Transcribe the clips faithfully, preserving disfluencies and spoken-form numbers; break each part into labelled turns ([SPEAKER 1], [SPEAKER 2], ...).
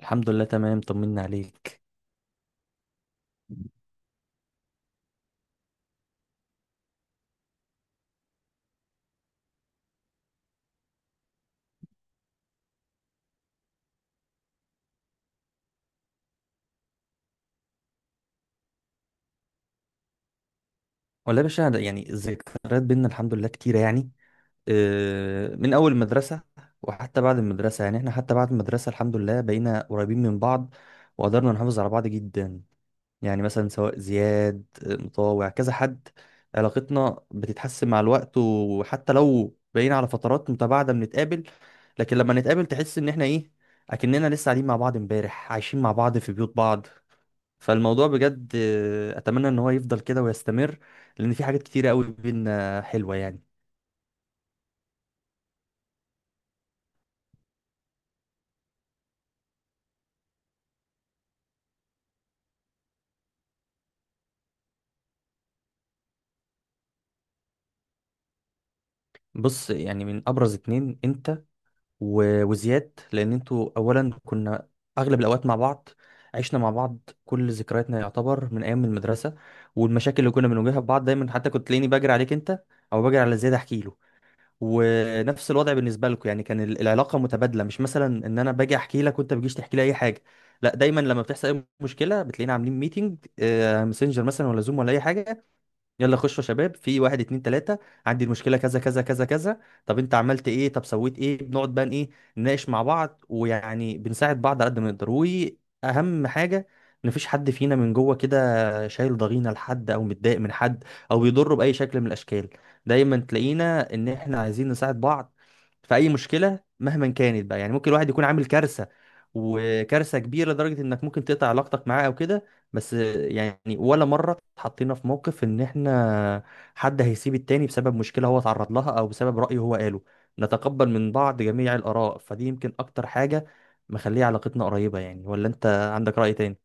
[SPEAKER 1] الحمد لله، تمام، طمنا عليك. والله يا باشا، أنا- يعني الذكريات بينا الحمد لله كتيرة يعني. آه، من أول المدرسة وحتى بعد المدرسة. يعني احنا حتى بعد المدرسة الحمد لله بقينا قريبين من بعض، وقدرنا نحافظ على بعض جدا. يعني مثلا سواء زياد، آه، مطاوع، كذا حد علاقتنا بتتحسن مع الوقت، وحتى لو بقينا على فترات متباعدة بنتقابل. لكن لما نتقابل تحس إن احنا إيه، أكننا لسه قاعدين مع بعض امبارح، عايشين مع بعض في بيوت بعض. فالموضوع بجد، آه، اتمنى ان هو يفضل كده ويستمر، لان في حاجات كتيره قوي بينا حلوه يعني. بص، يعني من ابرز اتنين انت و- وزياد، لان انتوا اولا كنا اغلب الاوقات مع بعض، عشنا مع بعض، كل ذكرياتنا يعتبر من ايام المدرسه والمشاكل اللي كنا بنواجهها في بعض. دايما حتى كنت تلاقيني بجري عليك انت او بجري على زياد احكي له، ونفس الوضع بالنسبه لكم. يعني كان ال- العلاقه متبادله، مش مثلا ان انا باجي احكي لك وانت بتجيش تحكي لي اي حاجه. لا، دايما لما بتحصل اي مشكله بتلاقينا عاملين ميتنج، مسنجر مثلا ولا زوم ولا اي حاجه، يلا خشوا يا شباب، في واحد اتنين تلاتة، عندي المشكلة كذا كذا كذا كذا، طب انت عملت ايه، طب سويت ايه، بنقعد بقى ايه، نناقش مع بعض. ويعني بنساعد بعض على قد ما نقدر، واهم حاجة ان مفيش حد فينا من جوه كده شايل ضغينة لحد او متضايق من حد او بيضره بأي شكل من الاشكال. دايما تلاقينا ان احنا عايزين نساعد بعض في اي مشكلة مهما كانت بقى. يعني ممكن الواحد يكون عامل كارثة وكارثة كبيرة لدرجة انك ممكن تقطع علاقتك معاه او كده، بس يعني ولا مرة اتحطينا في موقف ان احنا حد هيسيب التاني بسبب مشكلة هو اتعرض لها او بسبب رأي هو قاله. نتقبل من بعض جميع الآراء، فدي يمكن اكتر حاجة مخليه علاقتنا قريبة يعني. ولا انت عندك رأي تاني؟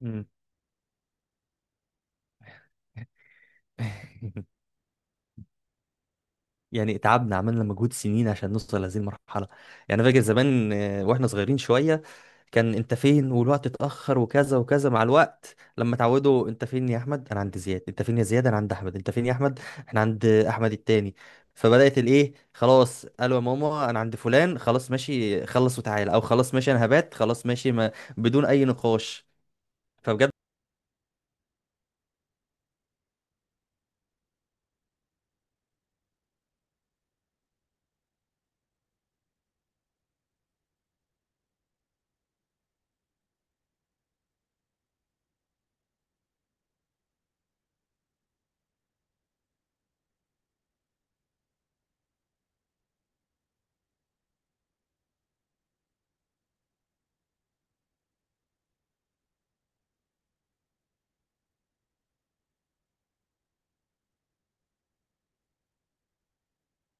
[SPEAKER 1] مم. يعني تعبنا، عملنا مجهود سنين عشان نوصل لهذه المرحلة. يعني أنا فاكر زمان، آه، واحنا صغيرين شوية، كان انت فين والوقت اتأخر وكذا وكذا. مع الوقت لما تعودوا، انت فين يا احمد؟ انا عند زياد. انت فين يا زياد؟ انا عند احمد. انت فين يا احمد؟ احنا عند احمد التاني. فبدأت الايه خلاص، قالوا يا ماما انا عند فلان، خلاص ماشي، خلص وتعالى، او خلاص ماشي انا هبات، خلاص ماشي ما، بدون اي نقاش. فبجد،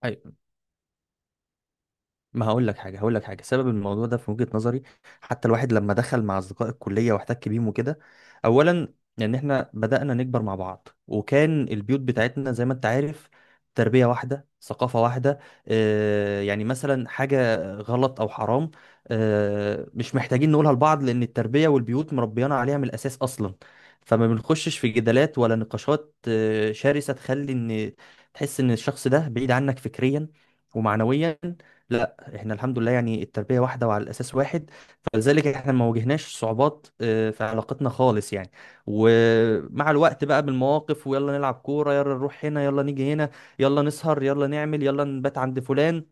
[SPEAKER 1] أيوة. ما هقول لك حاجه، هقول لك حاجه، سبب الموضوع ده في وجهه نظري حتى الواحد لما دخل مع اصدقاء الكليه واحتك بيهم وكده، اولا ان احنا بدانا نكبر مع بعض، وكان البيوت بتاعتنا زي ما انت عارف، تربيه واحده، ثقافه واحده. آه، يعني مثلا حاجه غلط او حرام، آه، مش محتاجين نقولها لبعض، لان التربيه والبيوت مربيانا عليها من الاساس اصلا. فما بنخشش في جدالات ولا نقاشات آه، شرسه تخلي ان تحس ان الشخص ده بعيد عنك فكريا ومعنويا. احنا الحمد لله يعني التربية واحدة وعلى الأساس واحد، فلذلك احنا ما واجهناش صعوبات آه، في علاقتنا خالص يعني. ومع الوقت بقى بالمواقف، ويلا نلعب كورة، يلا نروح هنا، يلا نيجي هنا، يلا نسهر، يلا نعمل، يلا نبات عند فلان،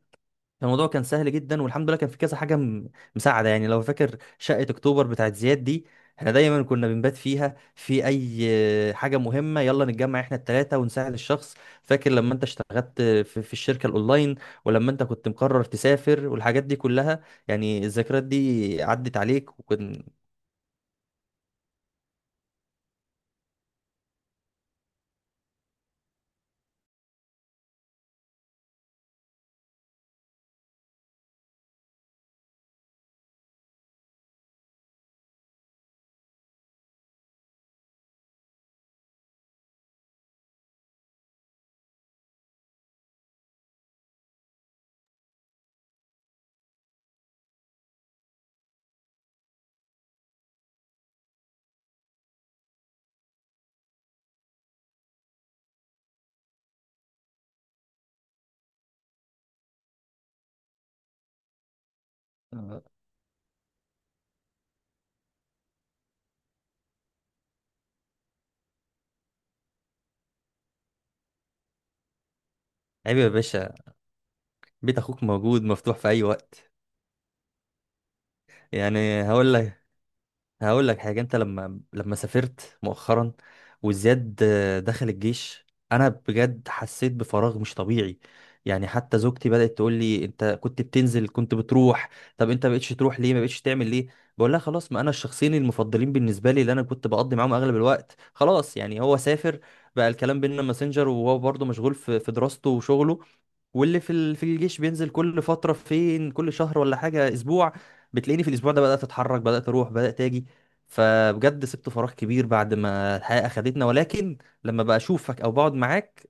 [SPEAKER 1] الموضوع كان سهل جدا. والحمد لله كان في كذا حاجه م- مساعده يعني. لو فاكر شقه اكتوبر بتاعت زياد دي، احنا دايما كنا بنبات فيها في اي حاجه مهمه، يلا نتجمع احنا التلاته ونساعد الشخص. فاكر لما انت اشتغلت في, في الشركه الاونلاين، ولما انت كنت مقرر تسافر والحاجات دي كلها، يعني الذكريات دي عدت عليك وكنت. عيب يا باشا، بيت اخوك موجود مفتوح في اي وقت. يعني هقول لك، هقول لك حاجة، انت لما لما سافرت مؤخرا وزياد، آه، دخل الجيش، انا بجد حسيت بفراغ مش طبيعي. يعني حتى زوجتي بدأت تقول لي انت كنت بتنزل، كنت بتروح، طب انت ما بقتش تروح ليه؟ ما بقتش تعمل ليه؟ بقول لها خلاص، ما انا الشخصين المفضلين بالنسبة لي اللي انا كنت بقضي معاهم اغلب الوقت خلاص يعني، هو سافر، بقى الكلام بيننا ماسنجر، وهو برضه مشغول في في دراسته وشغله، واللي في ال- في الجيش بينزل كل فتره، فين كل شهر ولا حاجه، اسبوع بتلاقيني في الاسبوع ده بدات اتحرك، بدات اروح، بدات اجي. فبجد سبت فراغ كبير بعد ما الحياه اخدتنا، ولكن لما بشوفك او بقعد معاك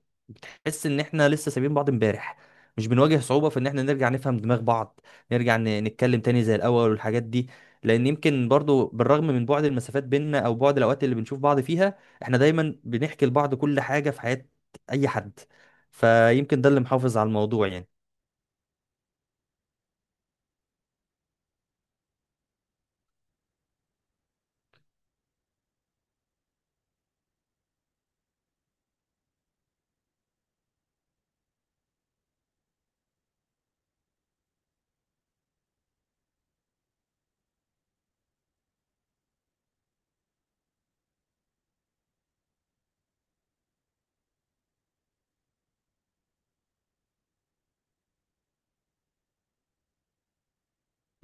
[SPEAKER 1] احس ان احنا لسه سايبين بعض امبارح، مش بنواجه صعوبه في ان احنا نرجع نفهم دماغ بعض، نرجع ن- نتكلم تاني زي الاول والحاجات دي. لان يمكن برضو بالرغم من بعد المسافات بيننا او بعد الاوقات اللي بنشوف بعض فيها، احنا دايما بنحكي لبعض كل حاجه في حياه اي حد، فيمكن ده اللي محافظ على الموضوع يعني.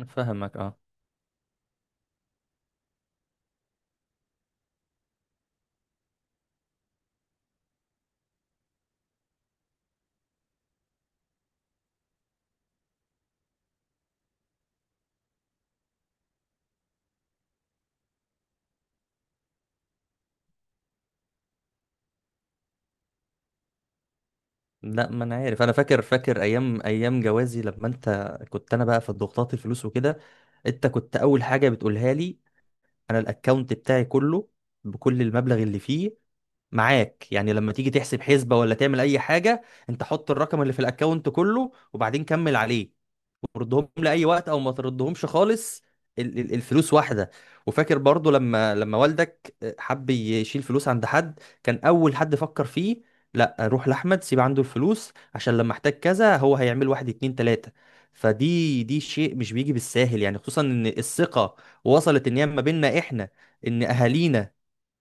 [SPEAKER 1] فاهمك، اه. لا، ما انا عارف، انا فاكر، فاكر ايام ايام جوازي، لما انت كنت، انا بقى في ضغوطات الفلوس وكده، انت كنت اول حاجه بتقولها لي انا الاكونت بتاعي كله، بكل المبلغ اللي فيه، معاك. يعني لما تيجي تحسب حسبه ولا تعمل اي حاجه، انت حط الرقم اللي في الاكونت كله وبعدين كمل عليه، ردهم لاي وقت او ما تردهمش خالص، ال- ال- الفلوس واحده. وفاكر برضو لما لما والدك حب يشيل فلوس عند حد، كان اول حد فكر فيه، لا روح لاحمد سيب عنده الفلوس، عشان لما احتاج كذا هو هيعمل واحد اتنين تلاته. فدي، دي شيء مش بيجي بالساهل يعني، خصوصا ان الثقه وصلت ان هي ما بيننا احنا ان اهالينا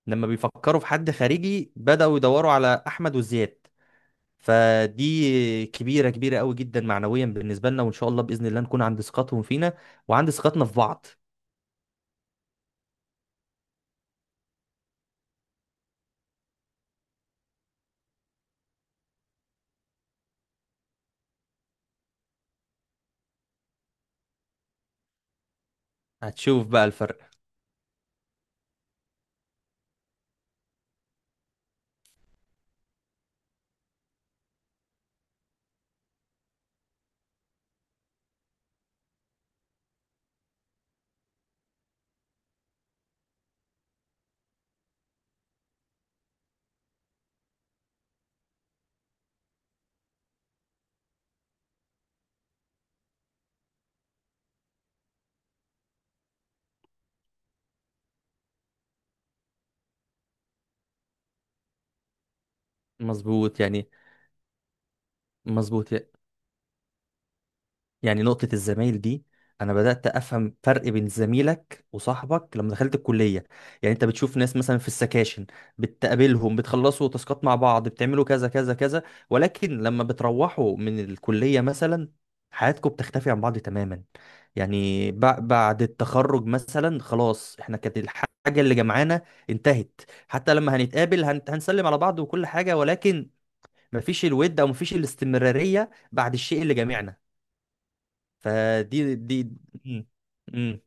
[SPEAKER 1] لما بيفكروا في حد خارجي بداوا يدوروا على احمد وزياد. فدي كبيرة، كبيرة قوي جدا معنويا بالنسبة لنا، وإن شاء الله بإذن الله نكون عند ثقتهم فينا وعند ثقتنا في بعض. هتشوف بقى الفرق. مظبوط يعني. مظبوط يعني. نقطة الزمايل دي، أنا بدأت أفهم فرق بين زميلك وصاحبك لما دخلت الكلية. يعني أنت بتشوف ناس مثلا في السكاشن، بتقابلهم، بتخلصوا تاسكات مع بعض، بتعملوا كذا كذا كذا، ولكن لما بتروحوا من الكلية مثلا حياتكم بتختفي عن بعض تماما. يعني بع- بعد التخرج مثلا خلاص، احنا كانت الحاجة اللي جمعانا انتهت. حتى لما هنتقابل هن- هنسلم على بعض وكل حاجة، ولكن مفيش الود أو مفيش الاستمرارية بعد الشيء اللي جمعنا. فدي دي مم. مم.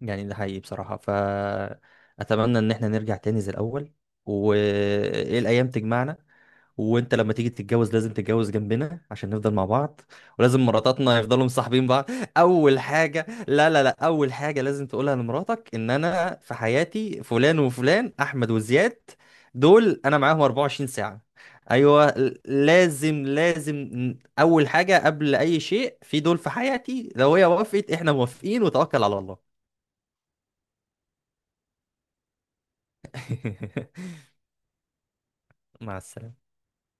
[SPEAKER 1] يعني ده حقيقي بصراحة. فأتمنى إن احنا نرجع تاني زي الأول، وإيه الأيام تجمعنا، وانت لما تيجي تتجوز لازم تتجوز جنبنا عشان نفضل مع بعض، ولازم مراتاتنا يفضلوا مصاحبين بعض. اول حاجه، لا لا لا، اول حاجه لازم تقولها لمراتك ان انا في حياتي فلان وفلان، احمد وزياد، دول انا معاهم أربعة وعشرين ساعه. ايوه، ل- لازم لازم ن- اول حاجه قبل اي شيء في دول في حياتي. لو هي وافقت احنا موافقين، وتوكل على الله. مع السلامه.